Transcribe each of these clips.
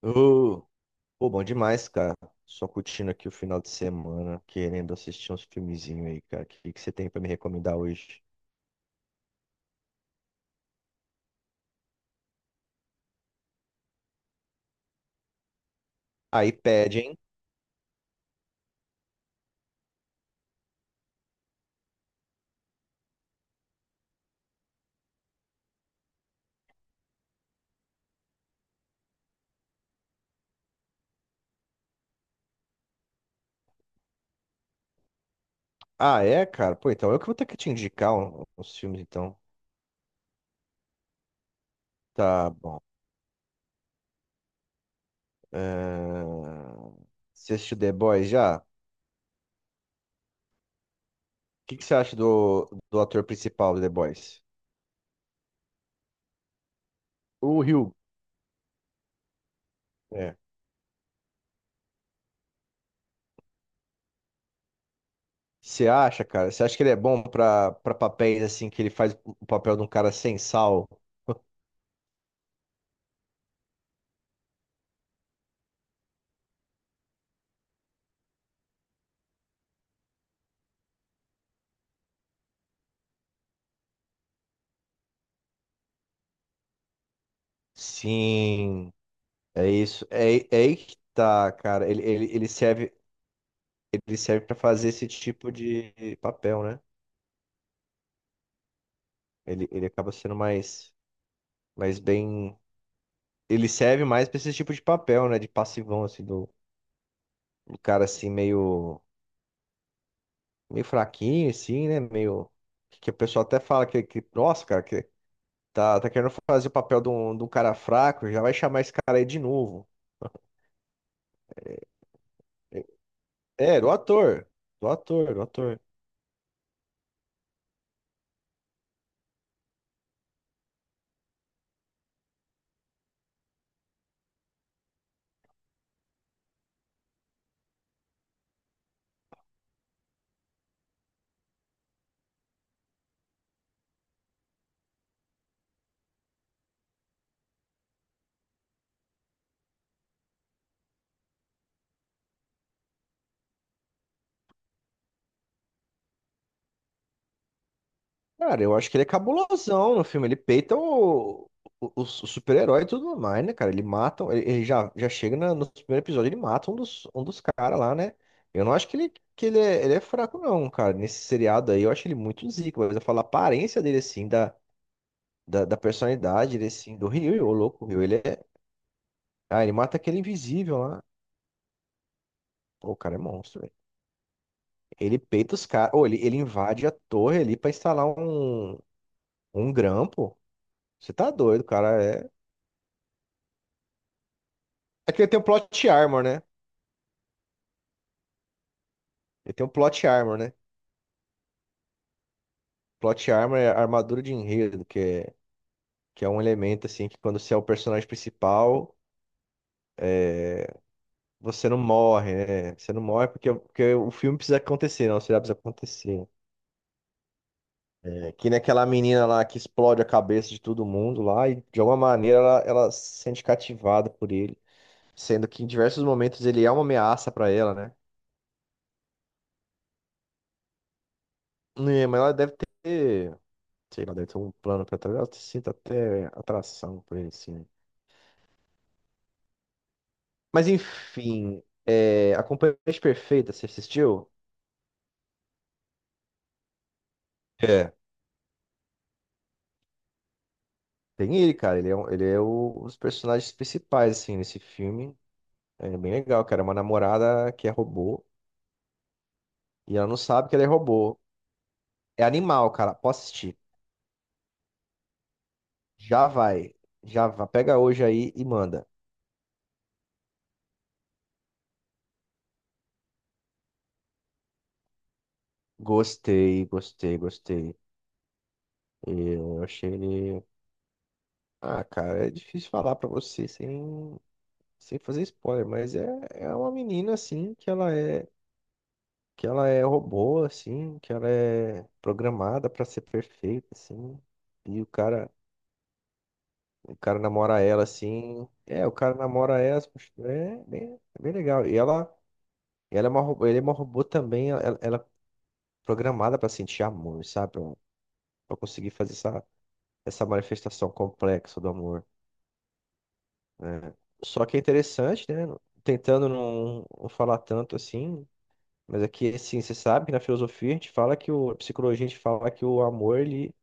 Ô, pô, bom demais, cara. Só curtindo aqui o final de semana, querendo assistir uns filmezinhos aí, cara. O que que você tem pra me recomendar hoje? Aí pede, hein? Ah, é, cara? Pô, então eu que vou ter que te indicar uns filmes, então. Tá bom. Ahn, Você assistiu The Boys já? O que que você acha do ator principal do The Boys? O Rio. É. Você acha, cara? Você acha que ele é bom pra papéis assim, que ele faz o papel de um cara sem sal? Sim. É isso. É, é aí que tá, cara. Ele serve, ele serve para fazer esse tipo de papel, né? Ele acaba sendo mais bem. Ele serve mais pra esse tipo de papel, né? De passivão, assim, do, do cara assim, meio, meio fraquinho, assim, né? Meio. Que o pessoal até fala que nossa, cara, que tá querendo fazer o papel de um cara fraco, já vai chamar esse cara aí de novo. É, do ator. Do ator. Cara, eu acho que ele é cabulosão no filme. Ele peita o super-herói e tudo mais, né, cara? Ele mata. Ele já, já chega no primeiro episódio, ele mata um dos caras lá, né? Eu não acho que ele é fraco, não, cara. Nesse seriado aí, eu acho ele muito zico. Mas eu falo a aparência dele, assim, da personalidade, ele, assim, do Ryu, ô louco, o Ryu. Ele é. Ah, ele mata aquele invisível lá. Pô, o cara é monstro, velho. Ele peita os caras. Ou ele invade a torre ali pra instalar um grampo. Você tá doido, cara. É É que ele tem o plot armor, né? Ele tem o plot armor, né? Plot armor é a armadura de enredo, que é um elemento, assim, que quando você é o personagem principal, você não morre, né? Você não morre porque o filme precisa acontecer, não, você já precisa acontecer. É que nem aquela menina lá que explode a cabeça de todo mundo lá e, de alguma maneira, ela se sente cativada por ele. Sendo que em diversos momentos ele é uma ameaça pra ela, né? É, mas ela deve ter, sei lá, deve ter um plano pra trás. Ela se sinta até atração por ele, assim, né? Mas enfim, é, A Companhia Perfeita, você assistiu? É. Tem ele, cara. Ele é, ele é um personagens principais, assim, nesse filme. É bem legal, cara. É uma namorada que é robô e ela não sabe que ela é robô. É animal, cara. Posso assistir. Já vai. Já vai. Pega hoje aí e manda. Gostei, gostei, gostei. Eu achei ele. Ah, cara, é difícil falar pra você sem fazer spoiler, mas é, é uma menina, assim, que ela é, que ela é robô, assim, que ela é programada pra ser perfeita, assim. E o cara namora ela, assim. É, o cara namora ela, assim, é bem legal. E ela é uma, ele é uma robô também, ela é programada pra sentir amor, sabe? Pra conseguir fazer essa manifestação complexa do amor, né? Só que é interessante, né? Tentando não falar tanto assim, mas aqui, assim, você sabe que na filosofia a gente fala que o, a psicologia a gente fala que o amor, ele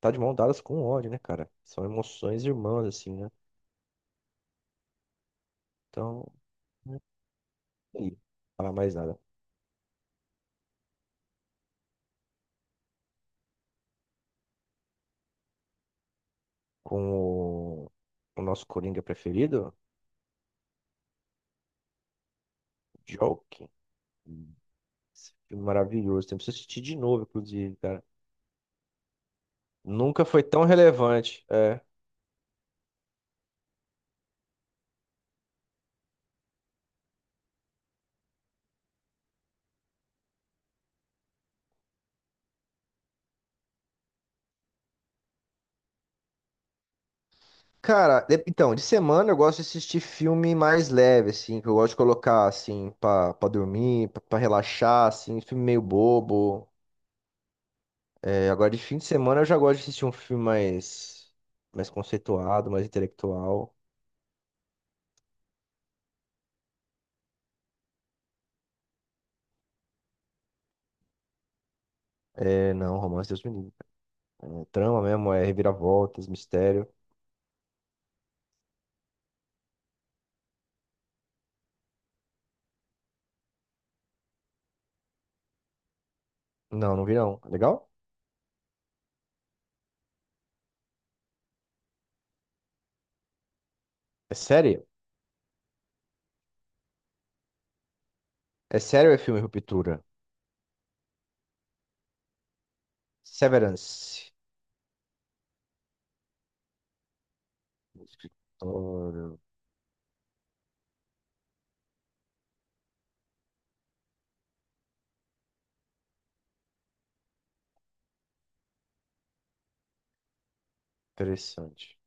tá de mão dadas com o ódio, né, cara? São emoções irmãs, assim, né? Então, não sei falar mais nada. Com o, o nosso Coringa preferido, Joker. Esse filme maravilhoso. Tem que assistir de novo, inclusive, cara. Nunca foi tão relevante. É. Cara, então, de semana eu gosto de assistir filme mais leve, assim, que eu gosto de colocar, assim, pra dormir, pra relaxar, assim, filme meio bobo. É, agora de fim de semana eu já gosto de assistir um filme mais conceituado, mais intelectual. É, não, romance Deus me livre. É, trama mesmo, é reviravoltas, mistério. Não, não vi não. É legal? É sério? É sério ou é filme Ruptura? Severance. Escritório. Interessante.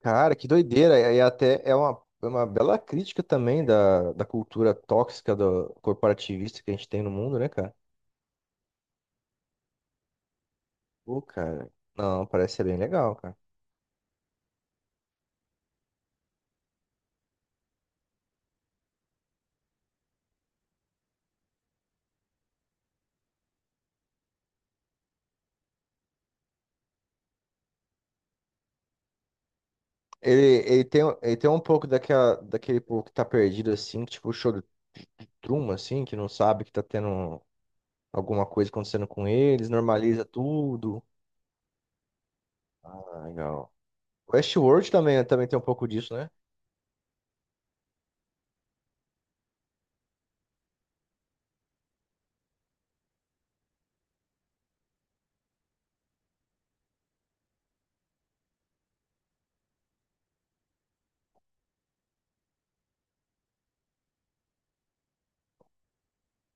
Cara, que doideira. E até é uma bela crítica também da cultura tóxica do corporativista que a gente tem no mundo, né, cara? Pô, cara. Não, parece ser bem legal, cara. Ele, ele tem um pouco daquela, daquele povo que tá perdido, assim, que, tipo, choro de truma, assim, que não sabe que tá tendo alguma coisa acontecendo com eles, normaliza tudo. Ah, legal. Westworld também, também tem um pouco disso, né?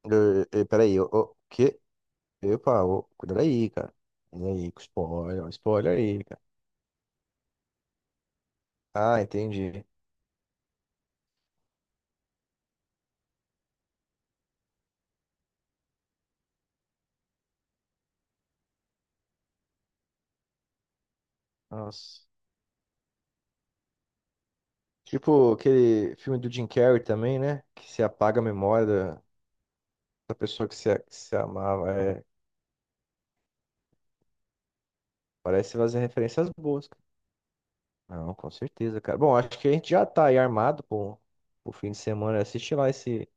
Peraí, o que? Epa, ô, cuidado aí, cara. Cuidado aí, com spoiler, ó, spoiler aí, cara. Ah, entendi. Nossa. Tipo aquele filme do Jim Carrey também, né? Que se apaga a memória da, da pessoa que se amava. É, parece fazer referências boas. Não, com certeza, cara. Bom, acho que a gente já tá aí armado pro fim de semana. Assiste lá esse,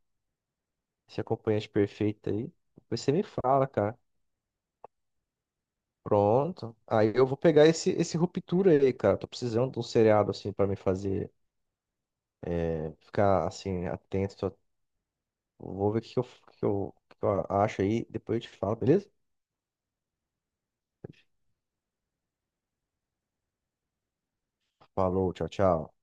esse acompanhante perfeito aí. Depois você me fala, cara. Pronto. Aí eu vou pegar esse, esse Ruptura aí, cara. Tô precisando de um seriado, assim, pra me fazer é, ficar, assim, atento. Tô- Vou ver o que que eu, que eu, que eu acho aí. Depois eu te falo, beleza? Falou, tchau, tchau.